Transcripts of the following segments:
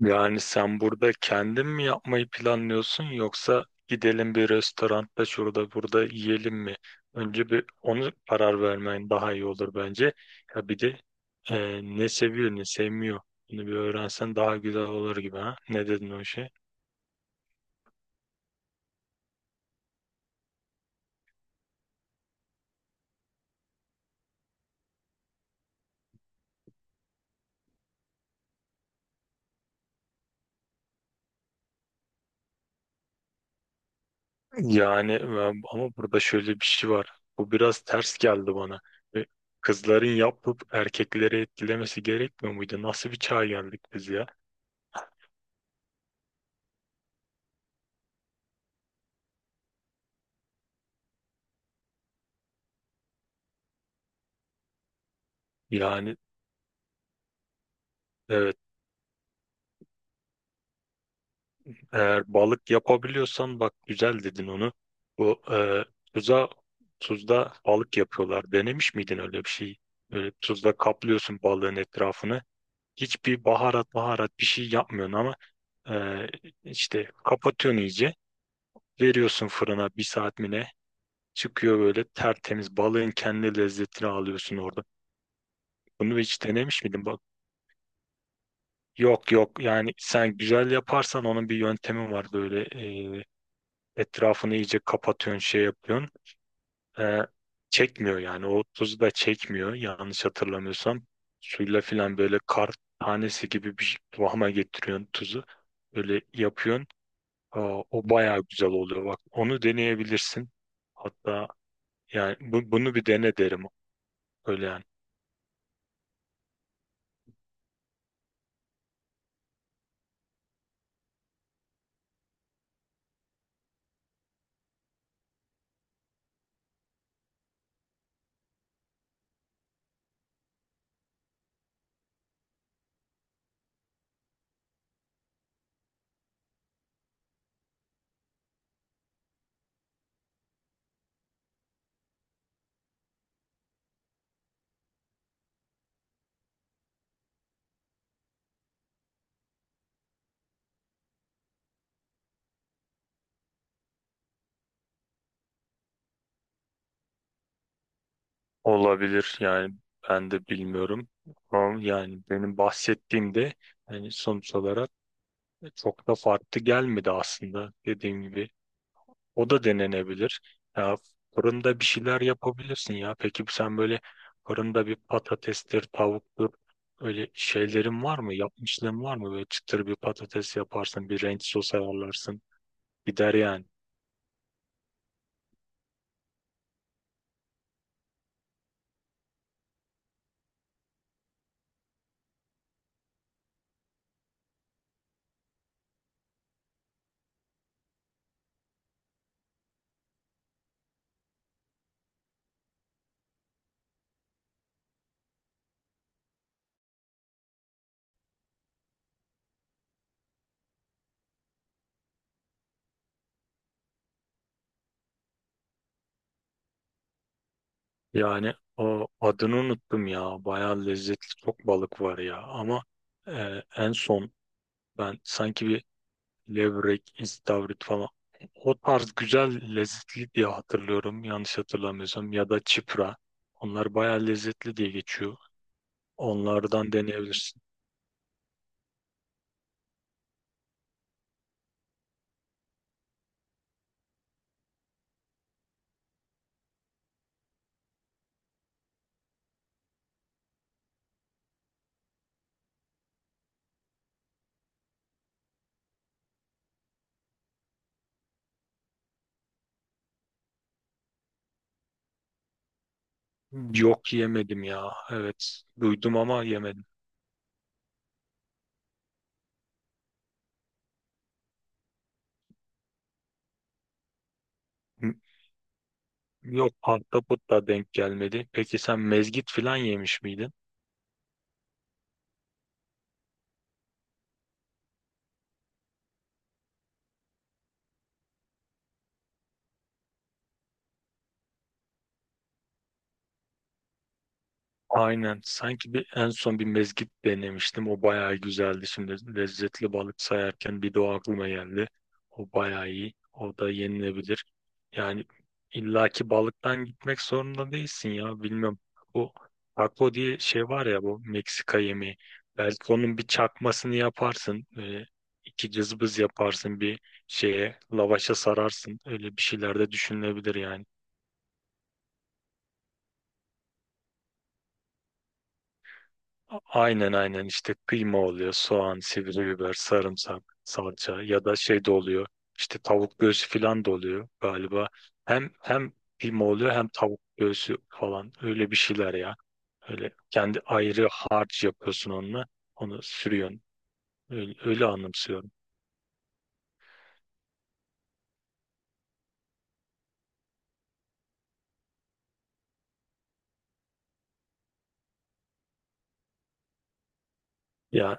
Yani sen burada kendin mi yapmayı planlıyorsun, yoksa gidelim bir restoranda şurada burada yiyelim mi? Önce bir onu karar vermen daha iyi olur bence. Ya bir de ne seviyor ne sevmiyor. Bunu bir öğrensen daha güzel olur gibi ha. Ne dedin o şey? Ama burada şöyle bir şey var. Bu biraz ters geldi bana. E, Kızların yapıp erkekleri etkilemesi gerekmiyor muydu? Nasıl bir çağa geldik biz ya? Yani evet, eğer balık yapabiliyorsan, bak güzel dedin onu. Bu e, tuza tuzda balık yapıyorlar. Denemiş miydin öyle bir şey? Böyle tuzla kaplıyorsun balığın etrafını. Hiçbir baharat bir şey yapmıyorsun ama e, işte kapatıyorsun iyice. Veriyorsun fırına bir saat mi ne? Çıkıyor böyle tertemiz, balığın kendi lezzetini alıyorsun orada. Bunu hiç denemiş miydin? Bak, yok yok, yani sen güzel yaparsan onun bir yöntemi var böyle. e, Etrafını iyice kapatıyorsun, şey yapıyorsun. Ee, Çekmiyor yani. O tuzu da çekmiyor. Yanlış hatırlamıyorsam. Suyla filan böyle kar tanesi gibi bir kıvama getiriyorsun tuzu. Böyle yapıyorsun. Aa, o bayağı güzel oluyor. Bak onu deneyebilirsin. Hatta yani bunu bir dene derim. Öyle yani. Olabilir yani, ben de bilmiyorum. Ama yani benim bahsettiğimde, yani sonuç olarak çok da farklı gelmedi aslında, dediğim gibi. O da denenebilir. Ya fırında bir şeyler yapabilirsin ya. Peki sen böyle fırında bir patatestir, tavuktur, öyle şeylerin var mı? Yapmışlığın var mı? Böyle çıtır bir patates yaparsın, bir renk sos ayarlarsın. Gider yani. Yani o adını unuttum ya. Bayağı lezzetli çok balık var ya. Ama en son ben sanki bir levrek, istavrit falan. O tarz güzel, lezzetli diye hatırlıyorum. Yanlış hatırlamıyorsam. Ya da çipra. Onlar bayağı lezzetli diye geçiyor. Onlardan deneyebilirsin. Yok, yemedim ya. Evet. Duydum ama yemedim. Yok, ahtapot da denk gelmedi. Peki sen mezgit falan yemiş miydin? Aynen. Sanki bir en son bir mezgit denemiştim. O bayağı güzeldi. Şimdi lezzetli balık sayarken bir de o aklıma geldi. O bayağı iyi. O da yenilebilir. Yani illaki balıktan gitmek zorunda değilsin ya. Bilmem. Bu taco diye şey var ya, bu Meksika yemeği. Belki onun bir çakmasını yaparsın. Böyle iki cızbız yaparsın, bir şeye lavaşa sararsın. Öyle bir şeyler de düşünülebilir yani. Aynen, aynen, işte kıyma oluyor, soğan, sivri biber, sarımsak, salça ya da şey de oluyor. İşte tavuk göğsü falan da oluyor galiba. Hem kıyma oluyor, hem tavuk göğsü falan, öyle bir şeyler ya. Öyle kendi ayrı harç yapıyorsun onunla. Onu sürüyorsun. Öyle, öyle anımsıyorum. Ya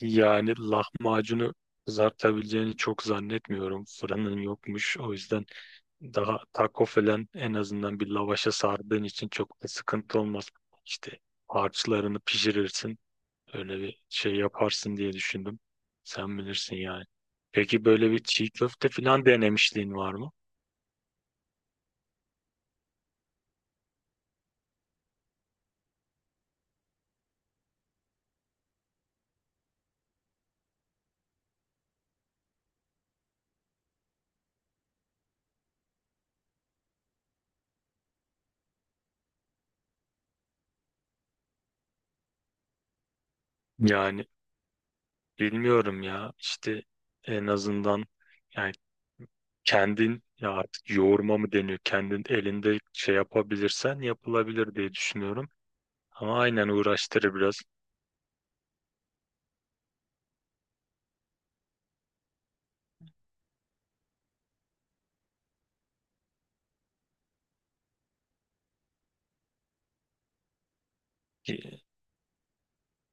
yani lahmacunu kızartabileceğini çok zannetmiyorum. Fırının yokmuş. O yüzden daha taco falan, en azından bir lavaşa sardığın için, çok da sıkıntı olmaz. İşte harçlarını pişirirsin. Öyle bir şey yaparsın diye düşündüm. Sen bilirsin yani. Peki böyle bir çiğ köfte falan denemişliğin var mı? Yani bilmiyorum ya. İşte en azından yani kendin, ya artık yoğurma mı deniyor, kendin elinde şey yapabilirsen yapılabilir diye düşünüyorum. Ama aynen uğraştırır biraz.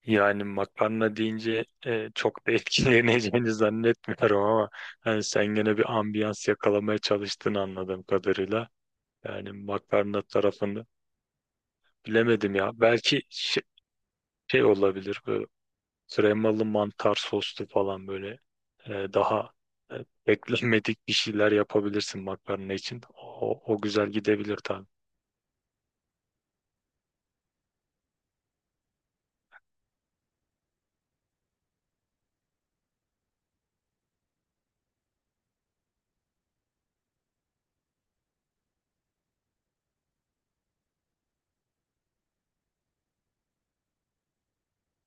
Yani makarna deyince çok da etkileneceğini zannetmiyorum, ama hani sen gene bir ambiyans yakalamaya çalıştığını anladığım kadarıyla. Yani makarna tarafını bilemedim ya. Belki şey, şey olabilir böyle kremalı mantar soslu falan, böyle e, daha e, beklenmedik bir şeyler yapabilirsin makarna için. O, o güzel gidebilir.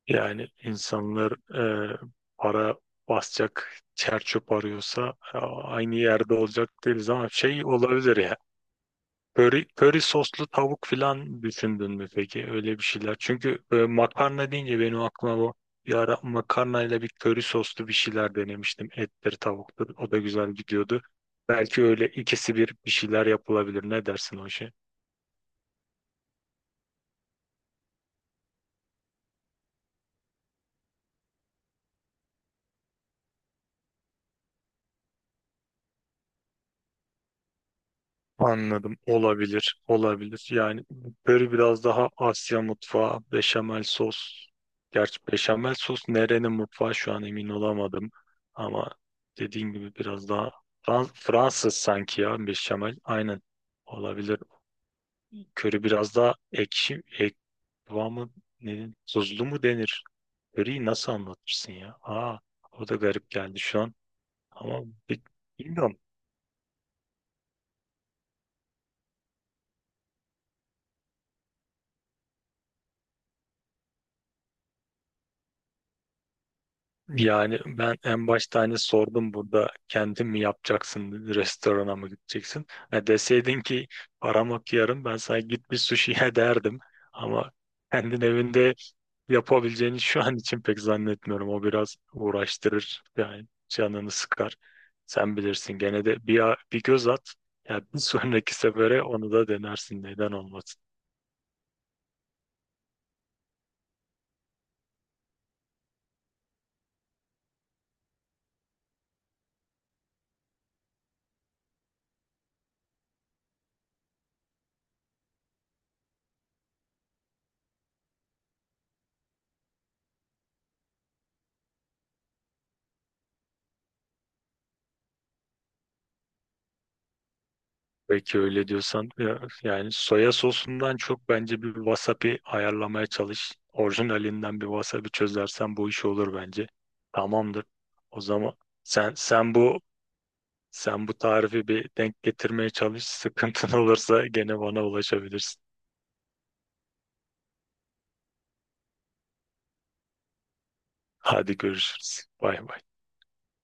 Yani insanlar e, para basacak çer arıyorsa, aynı yerde olacak değiliz ama şey olabilir ya. Köri, köri soslu tavuk filan düşündün mü peki, öyle bir şeyler? Çünkü makarna deyince benim aklıma bu, bir ara makarnayla bir köri soslu bir şeyler denemiştim. Ettir tavuktur, o da güzel gidiyordu. Belki öyle ikisi bir şeyler yapılabilir. Ne dersin o işe? Anladım. Olabilir. Olabilir. Yani böyle biraz daha Asya mutfağı, beşamel sos. Gerçi beşamel sos nerenin mutfağı şu an emin olamadım. Ama dediğin gibi biraz daha Fransız sanki ya beşamel. Aynen. Olabilir. Köri biraz daha ekşi, kıvamı ne, tuzlu mu denir? Köriyi nasıl anlatırsın ya? Aa, o da garip geldi şu an. Ama bi- bilmiyorum. Yani ben en başta hani sordum, burada kendin mi yapacaksın, restorana mı gideceksin? Ha, deseydin ki param yok, yarın ben sana git bir sushi'ye derdim. Ama kendin evinde yapabileceğini şu an için pek zannetmiyorum. O biraz uğraştırır, yani canını sıkar. Sen bilirsin gene de, bir, bir göz at. Ya bir sonraki sefere onu da denersin, neden olmasın. Peki öyle diyorsan, yani soya sosundan çok bence bir wasabi ayarlamaya çalış. Orijinalinden bir wasabi çözersen bu iş olur bence. Tamamdır. O zaman sen bu, bu tarifi bir denk getirmeye çalış. Sıkıntın olursa gene bana ulaşabilirsin. Hadi görüşürüz. Bay bay.